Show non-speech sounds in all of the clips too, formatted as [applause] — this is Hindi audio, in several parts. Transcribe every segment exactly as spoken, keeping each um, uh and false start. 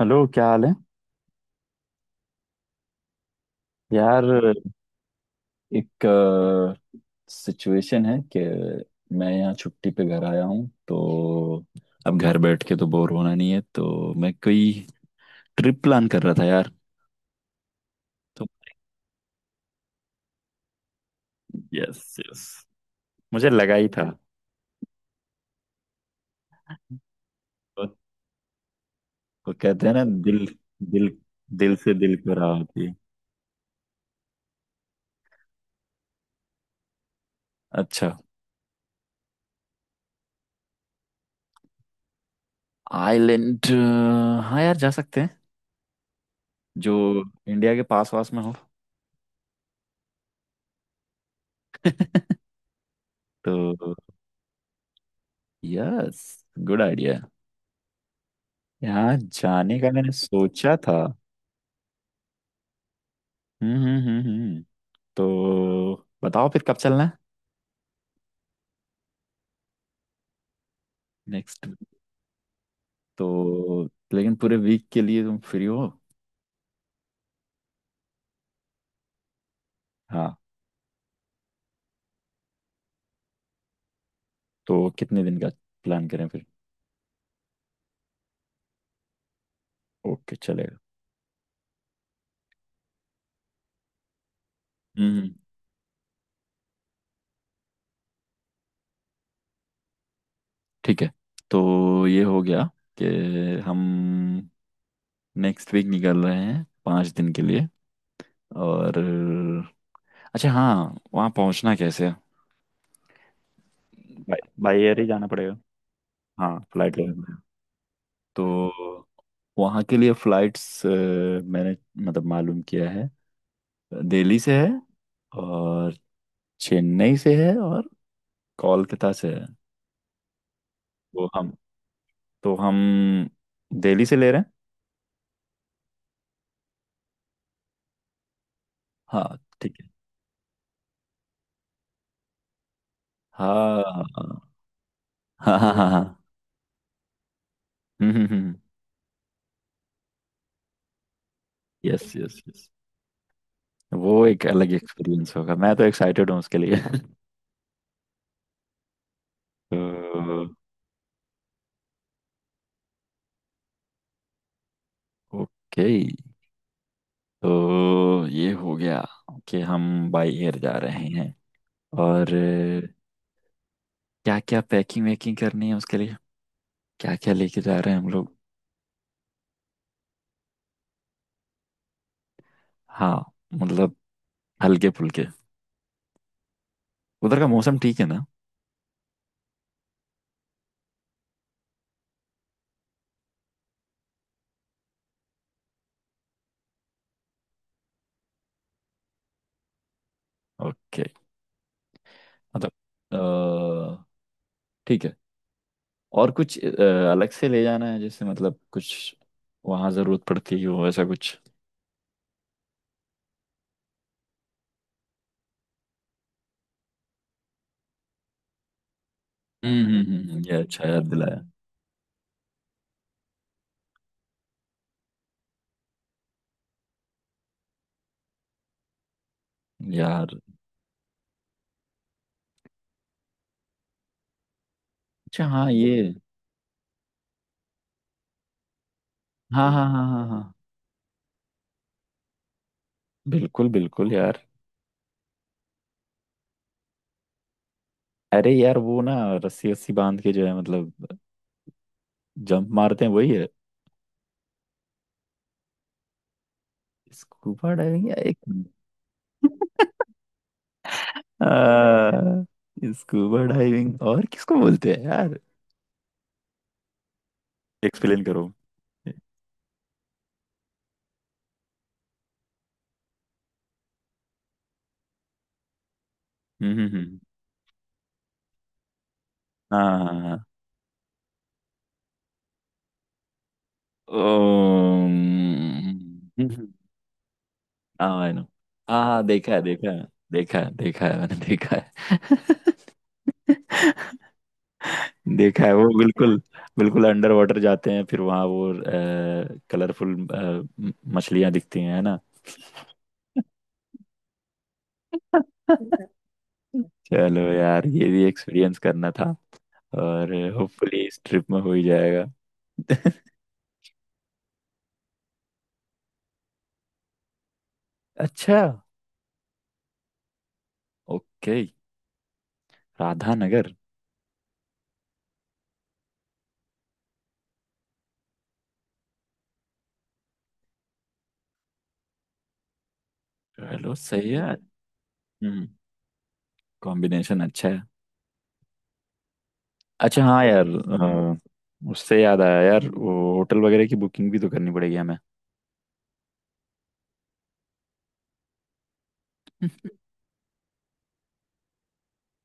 हेलो, क्या हाल है यार। एक सिचुएशन है कि मैं यहाँ छुट्टी पे घर आया हूँ, तो अब घर बैठ के तो बोर होना नहीं है, तो मैं कोई ट्रिप प्लान कर रहा था यार। तो यस, यस, मुझे लगा ही था। वो, वो कहते हैं ना, दिल दिल दिल से दिल को राह होती है। अच्छा। आइलैंड। हाँ यार, जा सकते हैं जो इंडिया के पास वास में हो। तो यस, गुड आइडिया, यहाँ जाने का मैंने सोचा था। हम्म, हम्म, हम्म, हम्म। तो बताओ फिर कब चलना है। नेक्स्ट। तो लेकिन पूरे वीक के लिए तुम फ्री हो? हाँ। तो कितने दिन का प्लान करें फिर? ओके, चलेगा। हम्म, हम्म। ठीक है, तो ये हो गया कि हम नेक्स्ट वीक निकल रहे हैं पाँच दिन के लिए। और अच्छा हाँ, वहाँ पहुँचना कैसे है? बाई एयर ही जाना पड़ेगा। हाँ, फ्लाइट लेना पड़ेगा। तो वहाँ के लिए फ्लाइट्स मैंने, मतलब, मालूम किया है। दिल्ली से है, और चेन्नई से है, और कोलकाता से है। तो हम तो हम दिल्ली से ले रहे हैं। हाँ ठीक है। हाँ, हाँ, हाँ, हाँ, हाँ, हाँ। हम्म। यस, यस, यस, वो एक अलग एक्सपीरियंस होगा, मैं तो एक्साइटेड हूँ उसके लिए। [laughs] तो ओके, तो ये हो गया कि हम बाई एयर जा रहे हैं। और क्या क्या पैकिंग वैकिंग करनी है उसके लिए, क्या क्या लेके जा रहे हैं हम लोग? हाँ मतलब, हल्के फुल्के। उधर का मौसम ठीक है ना? ओके। मतलब, अ, ठीक है। और कुछ अ, अलग से ले जाना है, जैसे मतलब कुछ वहाँ जरूरत पड़ती हो ऐसा कुछ? हम्म, हम्म, हम्म, हम्म, ये अच्छा याद दिलाया यार। अच्छा हाँ ये। हाँ, हाँ, हाँ, हाँ, हाँ। बिल्कुल बिल्कुल यार। अरे यार वो ना, रस्सी रस्सी बांध के जो है, मतलब जंप मारते हैं, वही है स्कूबा डाइविंग या एक। आ, स्कूबा डाइविंग और किसको बोलते हैं यार? एक्सप्लेन करो। हम्म, हम्म, हम्म। हाँ। ओम। हाँ, आई नो। हाँ हाँ, देखा है, देखा है। देखा है, देखा है, मैंने देखा है, देखा है वो। बिल्कुल, बिल्कुल अंडर वाटर जाते हैं, फिर वहाँ वो कलरफुल मछलियाँ दिखती हैं, है ना? चलो यार, ये भी एक्सपीरियंस करना था, और होपफुली इस ट्रिप में हो ही जाएगा। [laughs] अच्छा। ओके। राधा नगर। चलो सही है। हम्म। कॉम्बिनेशन अच्छा है। अच्छा हाँ यार, अ, उससे याद आया यार, वो होटल वगैरह की बुकिंग भी तो करनी पड़ेगी हमें।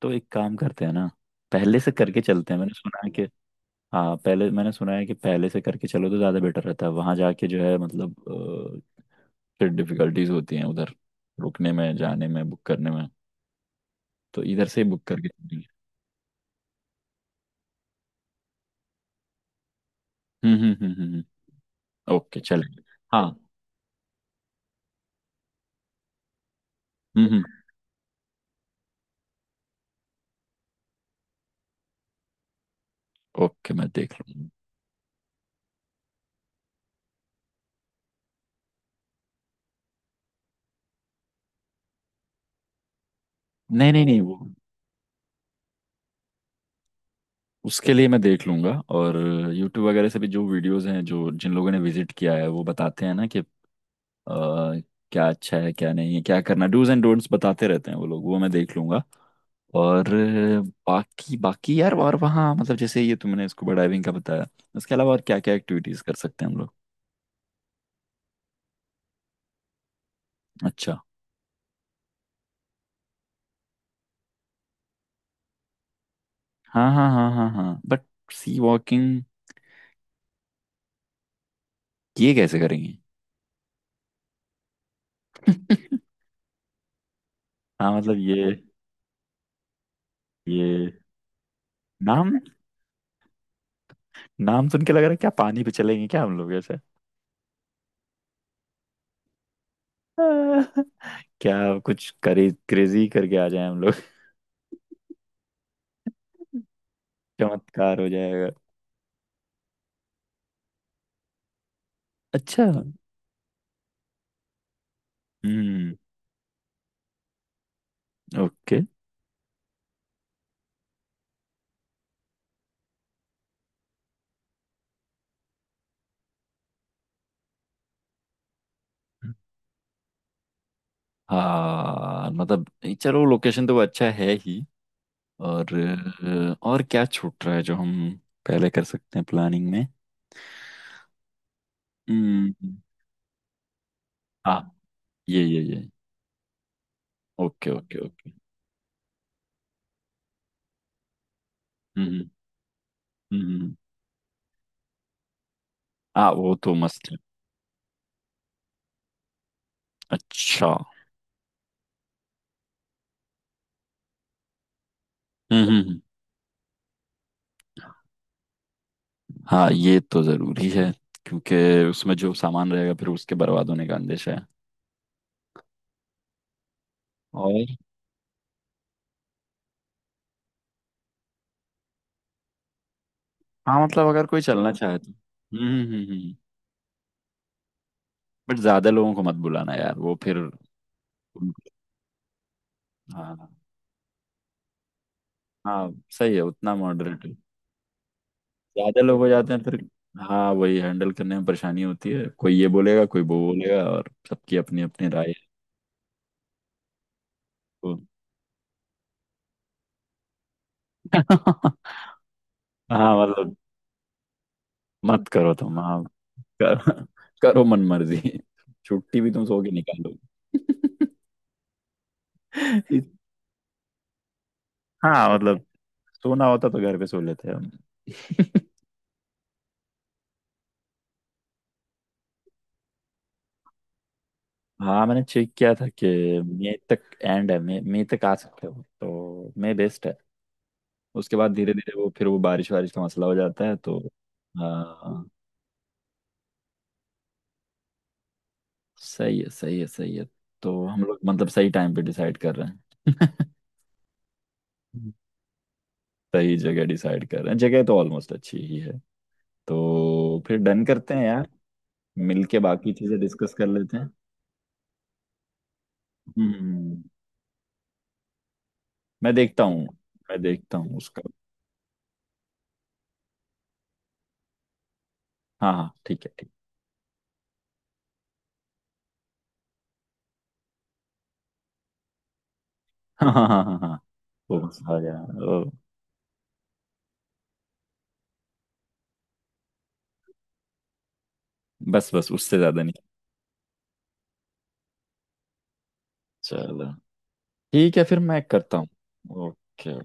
तो एक काम करते हैं ना, पहले से करके चलते हैं, मैंने सुना है कि। हाँ पहले, मैंने सुना है कि पहले से करके चलो तो ज़्यादा बेटर रहता है। वहाँ जाके जो है, मतलब अ, फिर डिफिकल्टीज होती हैं उधर रुकने में, जाने में, बुक करने में। तो इधर से ही बुक करके चलेंगे। हम्म, हम्म, हम्म, हम्म, हम्म। ओके, चलेंगे। हाँ। हम्म, हम्म। ओके, मैं देख लूंगा। नहीं नहीं नहीं, वो उसके लिए मैं देख लूंगा। और यूट्यूब वगैरह से भी जो वीडियोस हैं, जो जिन लोगों ने विजिट किया है, वो बताते हैं ना कि अ, क्या अच्छा है, क्या नहीं है, क्या करना, डूज एंड डोंट्स, बताते रहते हैं वो लोग, वो मैं देख लूंगा। और अ, बाकी बाकी यार, और वहाँ मतलब जैसे ये तुमने स्कूबा डाइविंग का बताया, उसके अलावा और क्या क्या एक्टिविटीज कर सकते हैं हम लोग? अच्छा। हाँ, हाँ, हाँ, हाँ, हाँ, बट सी वॉकिंग ये कैसे करेंगे? हाँ मतलब ये, ये नाम, नाम सुन के लग रहा है क्या पानी पे चलेंगे क्या हम लोग ऐसे? [laughs] क्या कुछ करी क्रेजी करके आ जाए हम लोग। [laughs] चमत्कार हो जाएगा। अच्छा। हम्म। ओके। हाँ मतलब चलो, लोकेशन तो वो अच्छा है ही। और अ, और क्या छूट रहा है जो हम पहले कर सकते हैं प्लानिंग में? हम्म। हाँ, ये, ये, ये। Okay, okay, okay. हम्म, हम्म, हम्म, हम्म। हाँ, वो तो मस्त है। अच्छा। हम्म। हम्म, हम्म। हाँ, ये तो जरूरी है। क्योंकि उसमें जो सामान रहेगा फिर उसके बर्बाद होने का अंदेशा है। हाँ मतलब, अगर कोई चलना चाहे तो। हम्म, हम्म, हम्म। बट ज्यादा लोगों को मत बुलाना यार, वो फिर उनको- हाँ, हाँ सही है, उतना मॉडरेट। ज्यादा लोग हो जाते हैं फिर। हाँ वही, हैंडल करने में परेशानी होती है, कोई ये बोलेगा कोई वो बोलेगा, और सबकी अपनी अपनी राय है। तो [laughs] हाँ मतलब, मत करो तुम, हाँ। कर, करो मन मर्जी। छुट्टी भी तुम सो के निकालो। [laughs] हाँ मतलब, सोना होता तो घर पे सो लेते हम। [laughs] हाँ मैंने चेक किया था कि मई तक एंड है। मई मई तक आ सकते हो। तो मई बेस्ट है। उसके बाद धीरे धीरे वो, फिर वो बारिश वारिश का मसला हो जाता है। तो हाँ, सही है, सही है, सही है। तो हम लोग मतलब, सही टाइम पे डिसाइड कर रहे हैं। [laughs] सही जगह डिसाइड कर रहे हैं। जगह तो ऑलमोस्ट अच्छी ही है। तो फिर डन करते हैं यार, मिलके बाकी चीजें डिस्कस कर लेते हैं। हम्म। मैं देखता हूँ, मैं देखता हूँ उसका। हाँ हाँ ठीक है, ठीक। [laughs] हाँ, हाँ, हाँ, हाँ, हाँ, वो मसला आ गया। ओ। बस, बस, उससे ज्यादा नहीं। चलो ठीक है फिर, मैं करता हूँ। ओके।